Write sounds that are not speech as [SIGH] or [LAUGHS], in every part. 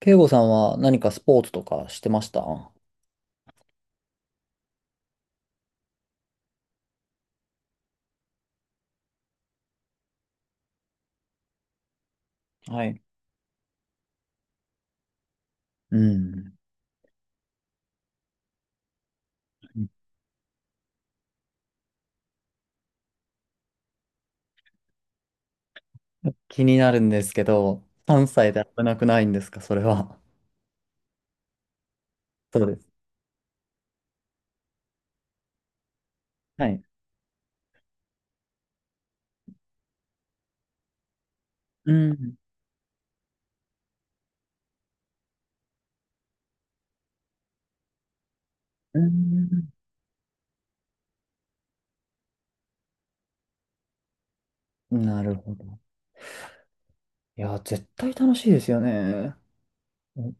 慶吾さんは何かスポーツとかしてました？はい。うん。気になるんですけど、3歳で危なくないんですか、それは？そうです。はい。うん。うん。なるほど。いや、絶対楽しいですよね。うん。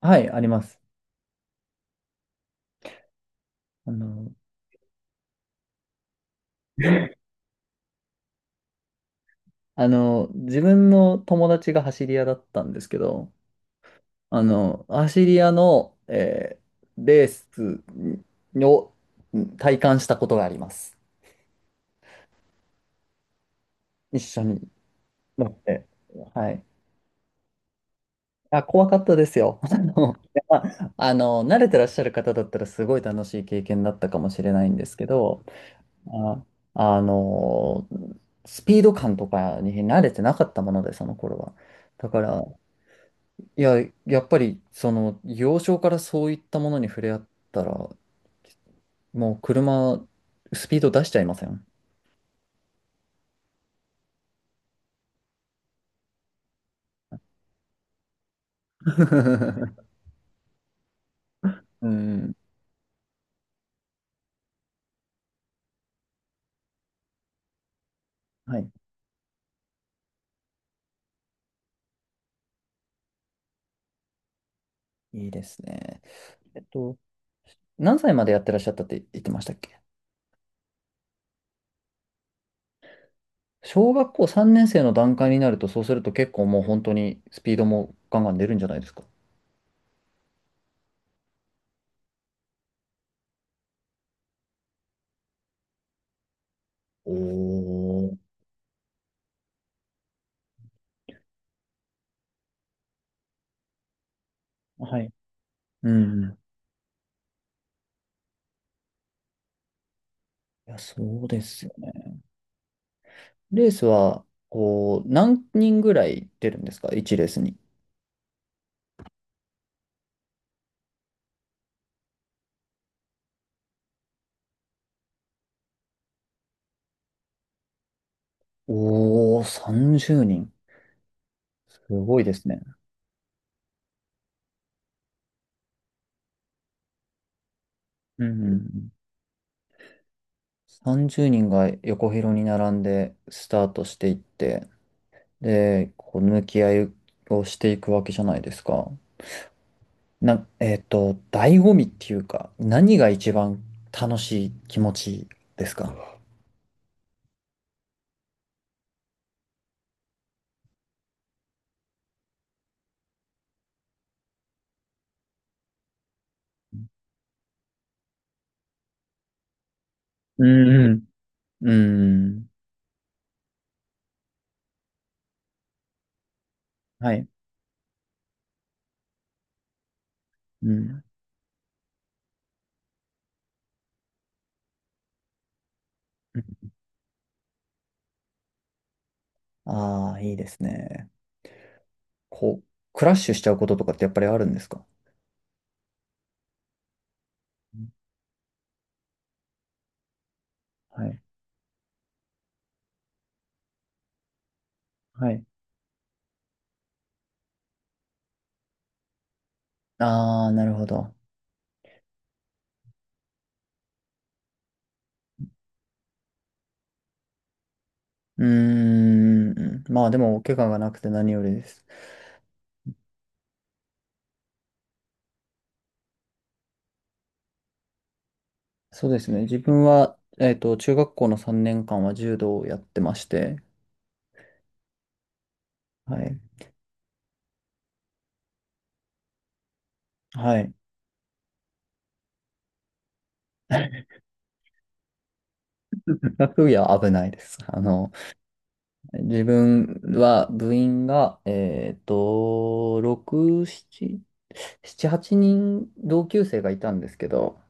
はい、あります。あの、[LAUGHS] あの、自分の友達が走り屋だったんですけど、あの、走り屋の、レースを体感したことがあります。一緒に。なはい。あ、怖かったですよ。[LAUGHS] あの、まああの慣れてらっしゃる方だったらすごい楽しい経験だったかもしれないんですけど、あ、あの、スピード感とかに慣れてなかったもので、その頃は。だから、いや、やっぱり、その、幼少からそういったものに触れ合ったら、もう車、スピード出しちゃいません。[LAUGHS] うん。はい。いいですね。えっと、何歳までやってらっしゃったって言ってましたっけ？小学校3年生の段階になると、そうすると結構もう本当にスピードもガンガン出るんじゃないですか。おー。はい。うん。いや、そうですよね。レースは、こう、何人ぐらい出るんですか？ 1 レースに。おー、30人。すごいですね。うん。30人が横広に並んでスタートしていって、で、こう、抜き合いをしていくわけじゃないですか。な、えっと、醍醐味っていうか、何が一番楽しい気持ちですか？うんうん。うん。はい。うん。ああー、いいですね。こう、クラッシュしちゃうこととかってやっぱりあるんですか？うん。はい。はい。ああ、なるほど。うーん。まあでも、お怪我がなくて何よりです。そうですね。自分は、中学校の3年間は柔道をやってまして、はい。はい。[LAUGHS] 学部は危ないです。あの、自分は部員が、6、7、7、8人同級生がいたんですけど、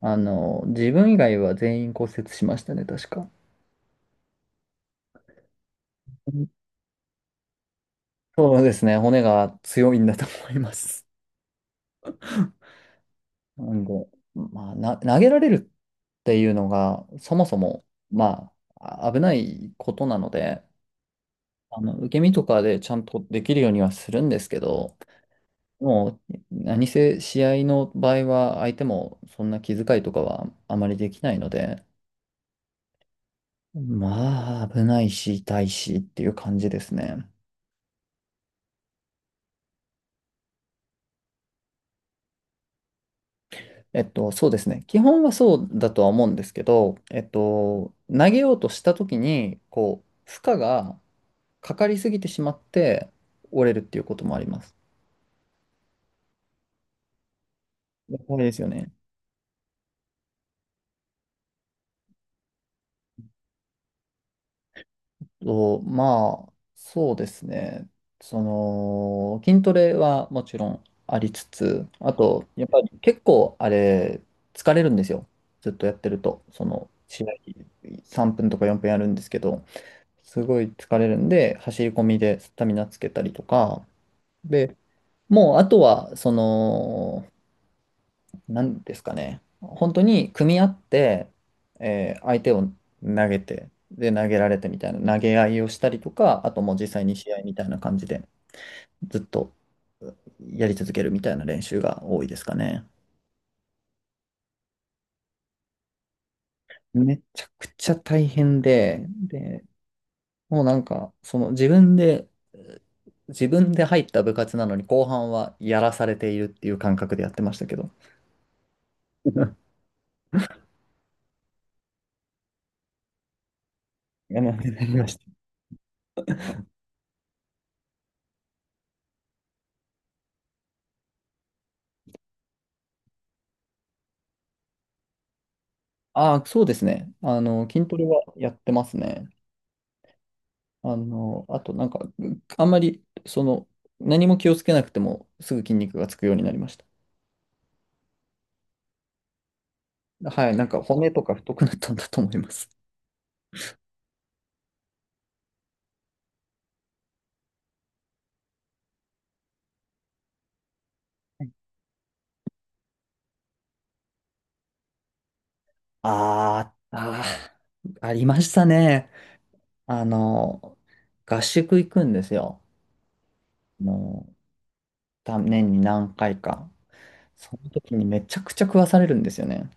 あの、自分以外は全員骨折しましたね、確か。そうですね、骨が強いんだと思います。[LAUGHS] なんで、まあ、投げられるっていうのが、そもそも、まあ、危ないことなので、あの、受け身とかでちゃんとできるようにはするんですけど、もう、何せ試合の場合は相手もそんな気遣いとかはあまりできないので、まあ、危ないし、痛いしっていう感じですね。そうですね。基本はそうだとは思うんですけど、投げようとした時に、こう、負荷がかかりすぎてしまって折れるっていうこともあります。やばいですよね。と、まあ、そうですね。その、筋トレはもちろんありつつ、あと、やっぱり結構あれ、疲れるんですよ。ずっとやってると。その、試合3分とか4分やるんですけど、すごい疲れるんで、走り込みでスタミナつけたりとか、で、もうあとは、その、なんですかね。本当に組み合って、相手を投げて、で、投げられてみたいな、投げ合いをしたりとか、あともう実際に試合みたいな感じで、ずっとやり続けるみたいな練習が多いですかね。めちゃくちゃ大変で、で、もうなんか、その自分で、自分で入った部活なのに後半はやらされているっていう感覚でやってましたけど。[LAUGHS] やめました。ああ、そうですね。あの、筋トレはやってますね。あの、あとなんか、あんまり、その、何も気をつけなくても、すぐ筋肉がつくようになりました。はい、なんか骨とか太くなったんだと思います。あーあー、ありましたね。あの、合宿行くんですよ。もう、年に何回か。その時にめちゃくちゃ食わされるんですよね。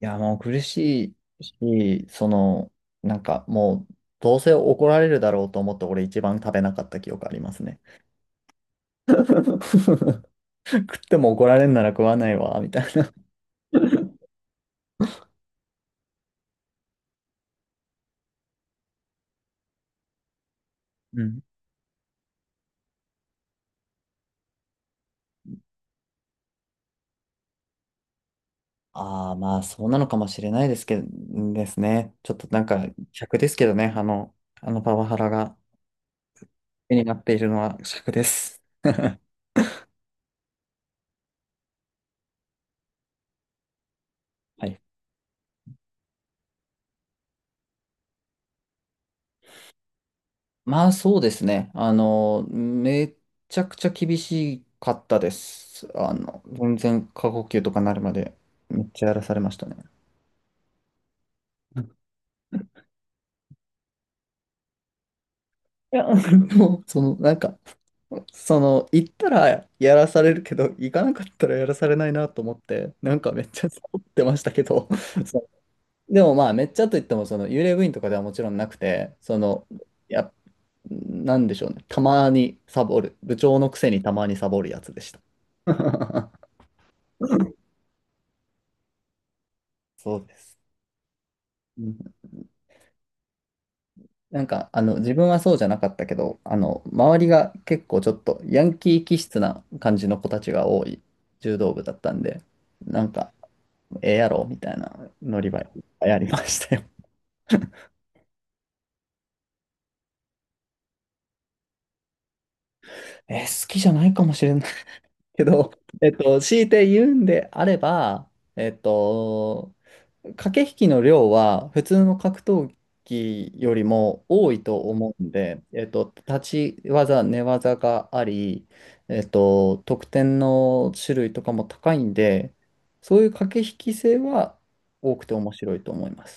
いや、もう苦しいし、その、なんかもう、どうせ怒られるだろうと思って、俺一番食べなかった記憶ありますね。[LAUGHS] 食っても怒られんなら食わないわ、みたいな。うん。ああ、まあ、そうなのかもしれないですけど、ですね。ちょっとなんか、尺ですけどね、あのパワハラが気になっているのは尺です。[LAUGHS] はい。まあ、そうですね。あの、めちゃくちゃ厳しかったです。あの、全然過呼吸とかなるまで、めっちゃやらされましたね。うん。 [LAUGHS] いや、もう、その、なんか、その、行ったらやらされるけど、行かなかったらやらされないなと思って、なんかめっちゃサボってましたけど、[LAUGHS] そうでもまあ、めっちゃといっても、その幽霊部員とかではもちろんなくて、その、いや、なんでしょうね、たまにサボる、部長のくせにたまにサボるやつでした。[LAUGHS] そうです。うん。なんか、あの、自分はそうじゃなかったけど、あの、周りが結構ちょっとヤンキー気質な感じの子たちが多い柔道部だったんで、なんか、ええやろみたいな乗り場やりましたよ。[LAUGHS] え、好きじゃないかもしれないけど、[LAUGHS] 強いて言うんであれば、えっと、駆け引きの量は普通の格闘技よりも多いと思うんで、立ち技、寝技があり、得点の種類とかも高いんで、そういう駆け引き性は多くて面白いと思います。